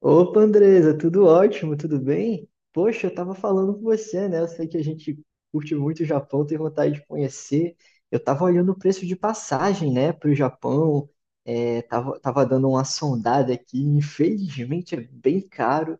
Opa, Andresa, tudo ótimo, tudo bem? Poxa, eu tava falando com você, né? Eu sei que a gente curte muito o Japão, tem vontade de conhecer. Eu tava olhando o preço de passagem, né, para o Japão, é, tava dando uma sondada aqui. Infelizmente é bem caro.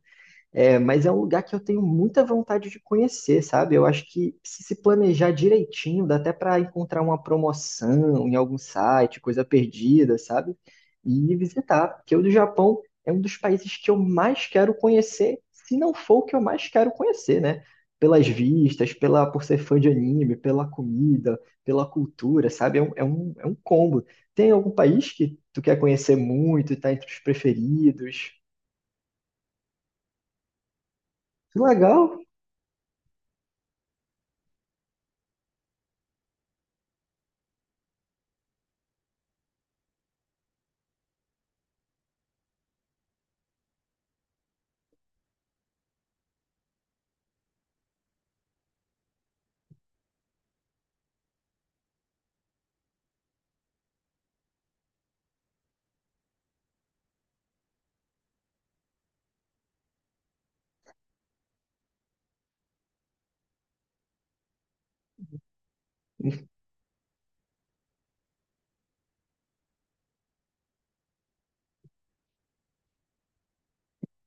É, mas é um lugar que eu tenho muita vontade de conhecer, sabe? Eu acho que se planejar direitinho, dá até para encontrar uma promoção em algum site, coisa perdida, sabe? E visitar, porque o do Japão é um dos países que eu mais quero conhecer, se não for o que eu mais quero conhecer, né? Pelas vistas, pela, por ser fã de anime, pela comida, pela cultura, sabe? É um combo. Tem algum país que tu quer conhecer muito e tá entre os preferidos? Que legal!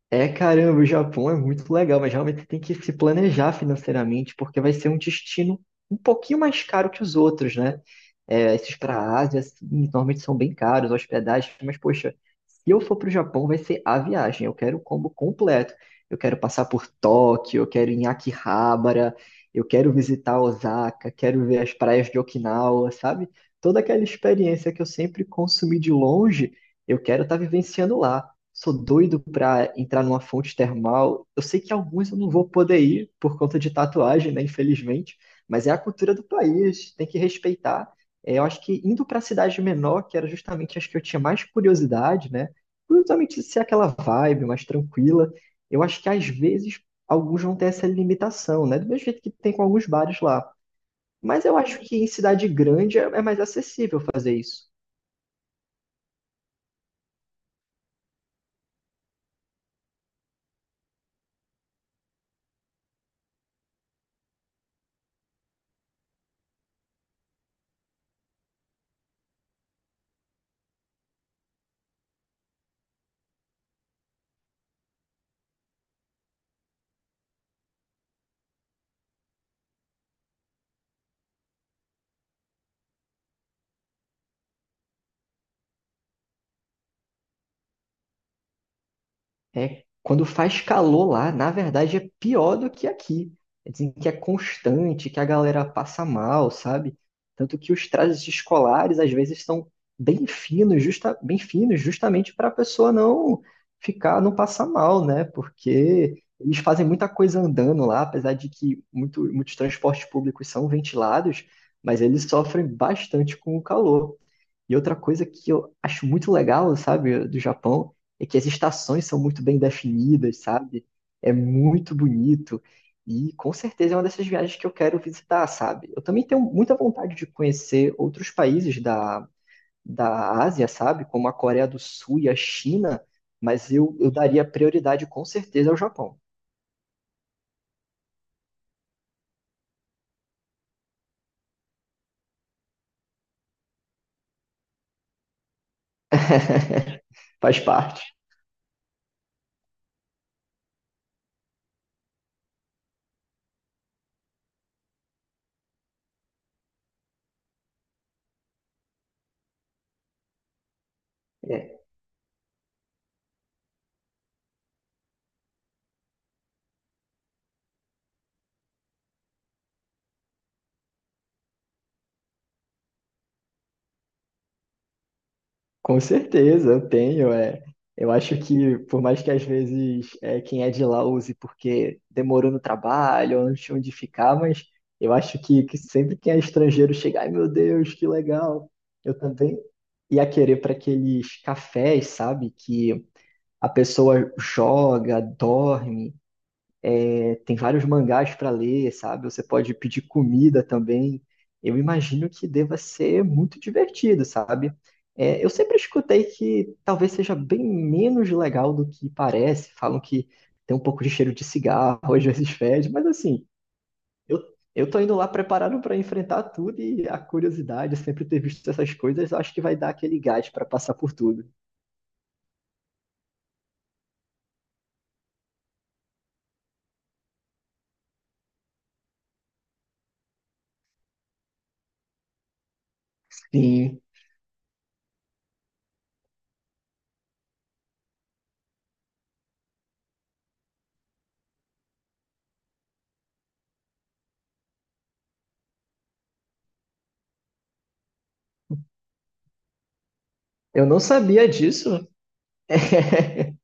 É, caramba, o Japão é muito legal, mas realmente tem que se planejar financeiramente, porque vai ser um destino um pouquinho mais caro que os outros, né? É, esses para a Ásia, assim, normalmente são bem caros, hospedagem, mas, poxa, se eu for para o Japão, vai ser a viagem. Eu quero o combo completo. Eu quero passar por Tóquio, eu quero ir em Akihabara, eu quero visitar Osaka, quero ver as praias de Okinawa, sabe? Toda aquela experiência que eu sempre consumi de longe, eu quero estar vivenciando lá. Sou doido para entrar numa fonte termal. Eu sei que alguns eu não vou poder ir por conta de tatuagem, né? Infelizmente, mas é a cultura do país, tem que respeitar. É, eu acho que indo para a cidade menor, que era justamente as que eu tinha mais curiosidade, né? Justamente ser aquela vibe mais tranquila. Eu acho que às vezes alguns vão ter essa limitação, né? Do mesmo jeito que tem com alguns bares lá. Mas eu acho que em cidade grande é mais acessível fazer isso. É, quando faz calor lá, na verdade é pior do que aqui. Dizem que é constante, que a galera passa mal, sabe? Tanto que os trajes escolares às vezes são bem finos, justa, bem finos, justamente para a pessoa não ficar, não passar mal, né? Porque eles fazem muita coisa andando lá, apesar de que muito, muitos transportes públicos são ventilados, mas eles sofrem bastante com o calor. E outra coisa que eu acho muito legal, sabe, do Japão, é que as estações são muito bem definidas, sabe? É muito bonito. E com certeza é uma dessas viagens que eu quero visitar, sabe? Eu também tenho muita vontade de conhecer outros países da, da Ásia, sabe? Como a Coreia do Sul e a China, mas eu daria prioridade com certeza ao Japão. Faz parte. É. Com certeza, eu tenho. É. Eu acho que, por mais que às vezes é, quem é de lá use porque demorou no trabalho, ou não tinha onde ficar, mas eu acho que sempre quem é estrangeiro chega, ai meu Deus, que legal. Eu também ia querer para aqueles cafés, sabe? Que a pessoa joga, dorme. Tem vários mangás para ler, sabe? Você pode pedir comida também. Eu imagino que deva ser muito divertido, sabe? É, eu sempre escutei que talvez seja bem menos legal do que parece. Falam que tem um pouco de cheiro de cigarro, às vezes fede, mas assim, eu, tô indo lá preparado para enfrentar tudo e a curiosidade, sempre ter visto essas coisas, eu acho que vai dar aquele gás para passar por tudo. Sim, eu não sabia disso.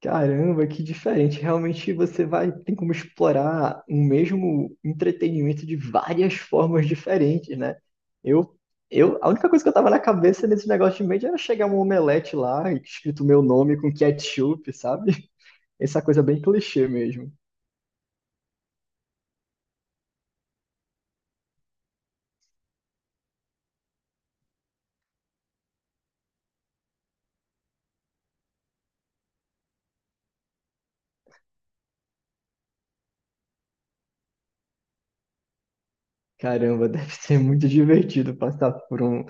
Caramba, que diferente. Realmente você vai, tem como explorar um mesmo entretenimento de várias formas diferentes, né? Eu, a única coisa que eu tava na cabeça nesse negócio de mídia era chegar um omelete lá, escrito meu nome com ketchup, sabe? Essa coisa bem clichê mesmo. Caramba, deve ser muito divertido passar por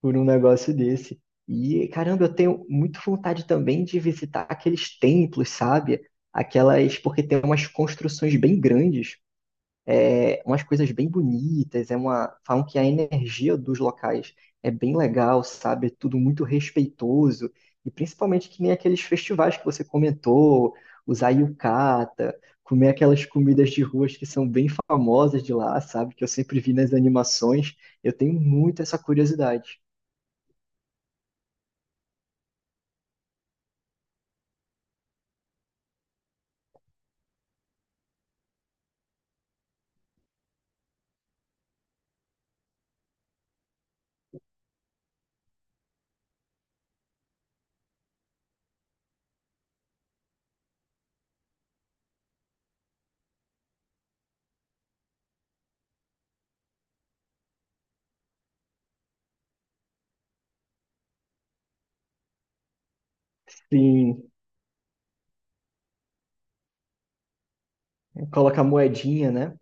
por um negócio desse. E caramba, eu tenho muita vontade também de visitar aqueles templos, sabe? Aquelas, porque tem umas construções bem grandes. É, umas coisas bem bonitas, é uma, falam que a energia dos locais é bem legal, sabe? É tudo muito respeitoso, e principalmente que nem aqueles festivais que você comentou, usar yukata, comer aquelas comidas de ruas que são bem famosas de lá, sabe? Que eu sempre vi nas animações, eu tenho muito essa curiosidade. Sim, coloca a moedinha, né?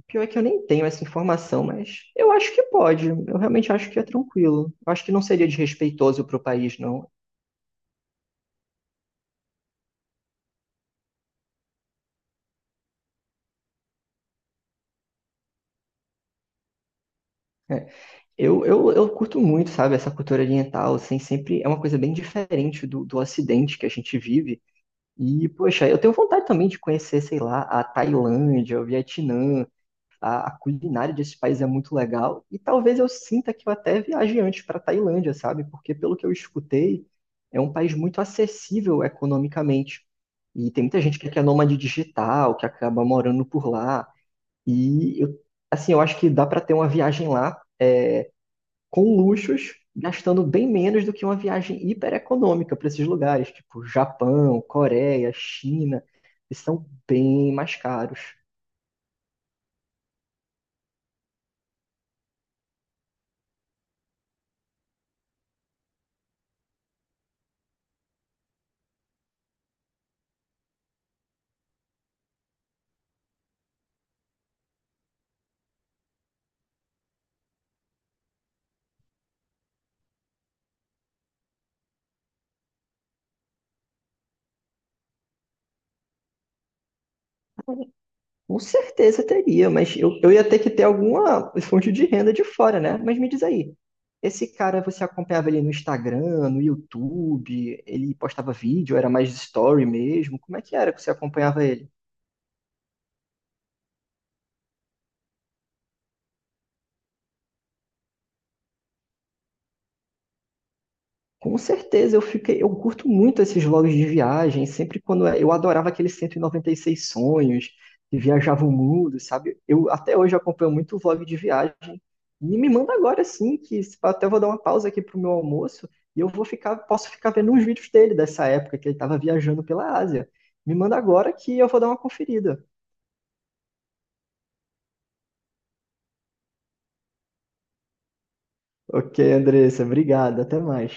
O pior é que eu nem tenho essa informação, mas eu acho que pode. Eu realmente acho que é tranquilo. Eu acho que não seria desrespeitoso para o país, não. É, eu, eu curto muito, sabe, essa cultura oriental, assim, sempre é uma coisa bem diferente do, do Ocidente que a gente vive. E, poxa, eu tenho vontade também de conhecer, sei lá, a Tailândia, o Vietnã, a culinária desse país é muito legal. E talvez eu sinta que eu até viaje antes para Tailândia, sabe? Porque, pelo que eu escutei, é um país muito acessível economicamente. E tem muita gente que é nômade digital, que acaba morando por lá. E eu, assim, eu acho que dá para ter uma viagem lá com luxos, gastando bem menos do que uma viagem hiper econômica para esses lugares, tipo Japão, Coreia, China, que são bem mais caros. Com certeza teria, mas eu, ia ter que ter alguma fonte de renda de fora, né? Mas me diz aí, esse cara você acompanhava ele no Instagram, no YouTube, ele postava vídeo, era mais story mesmo? Como é que era que você acompanhava ele? Com certeza, eu fiquei, eu curto muito esses vlogs de viagem, sempre quando é, eu adorava aqueles cento e noventa e seis sonhos, que viajava o mundo, sabe? Eu até hoje acompanho muito vlog de viagem. E me manda agora sim, que se pá, até vou dar uma pausa aqui pro meu almoço e eu vou ficar, posso ficar vendo uns vídeos dele dessa época que ele estava viajando pela Ásia. Me manda agora que eu vou dar uma conferida. Ok, Andressa, obrigado, até mais.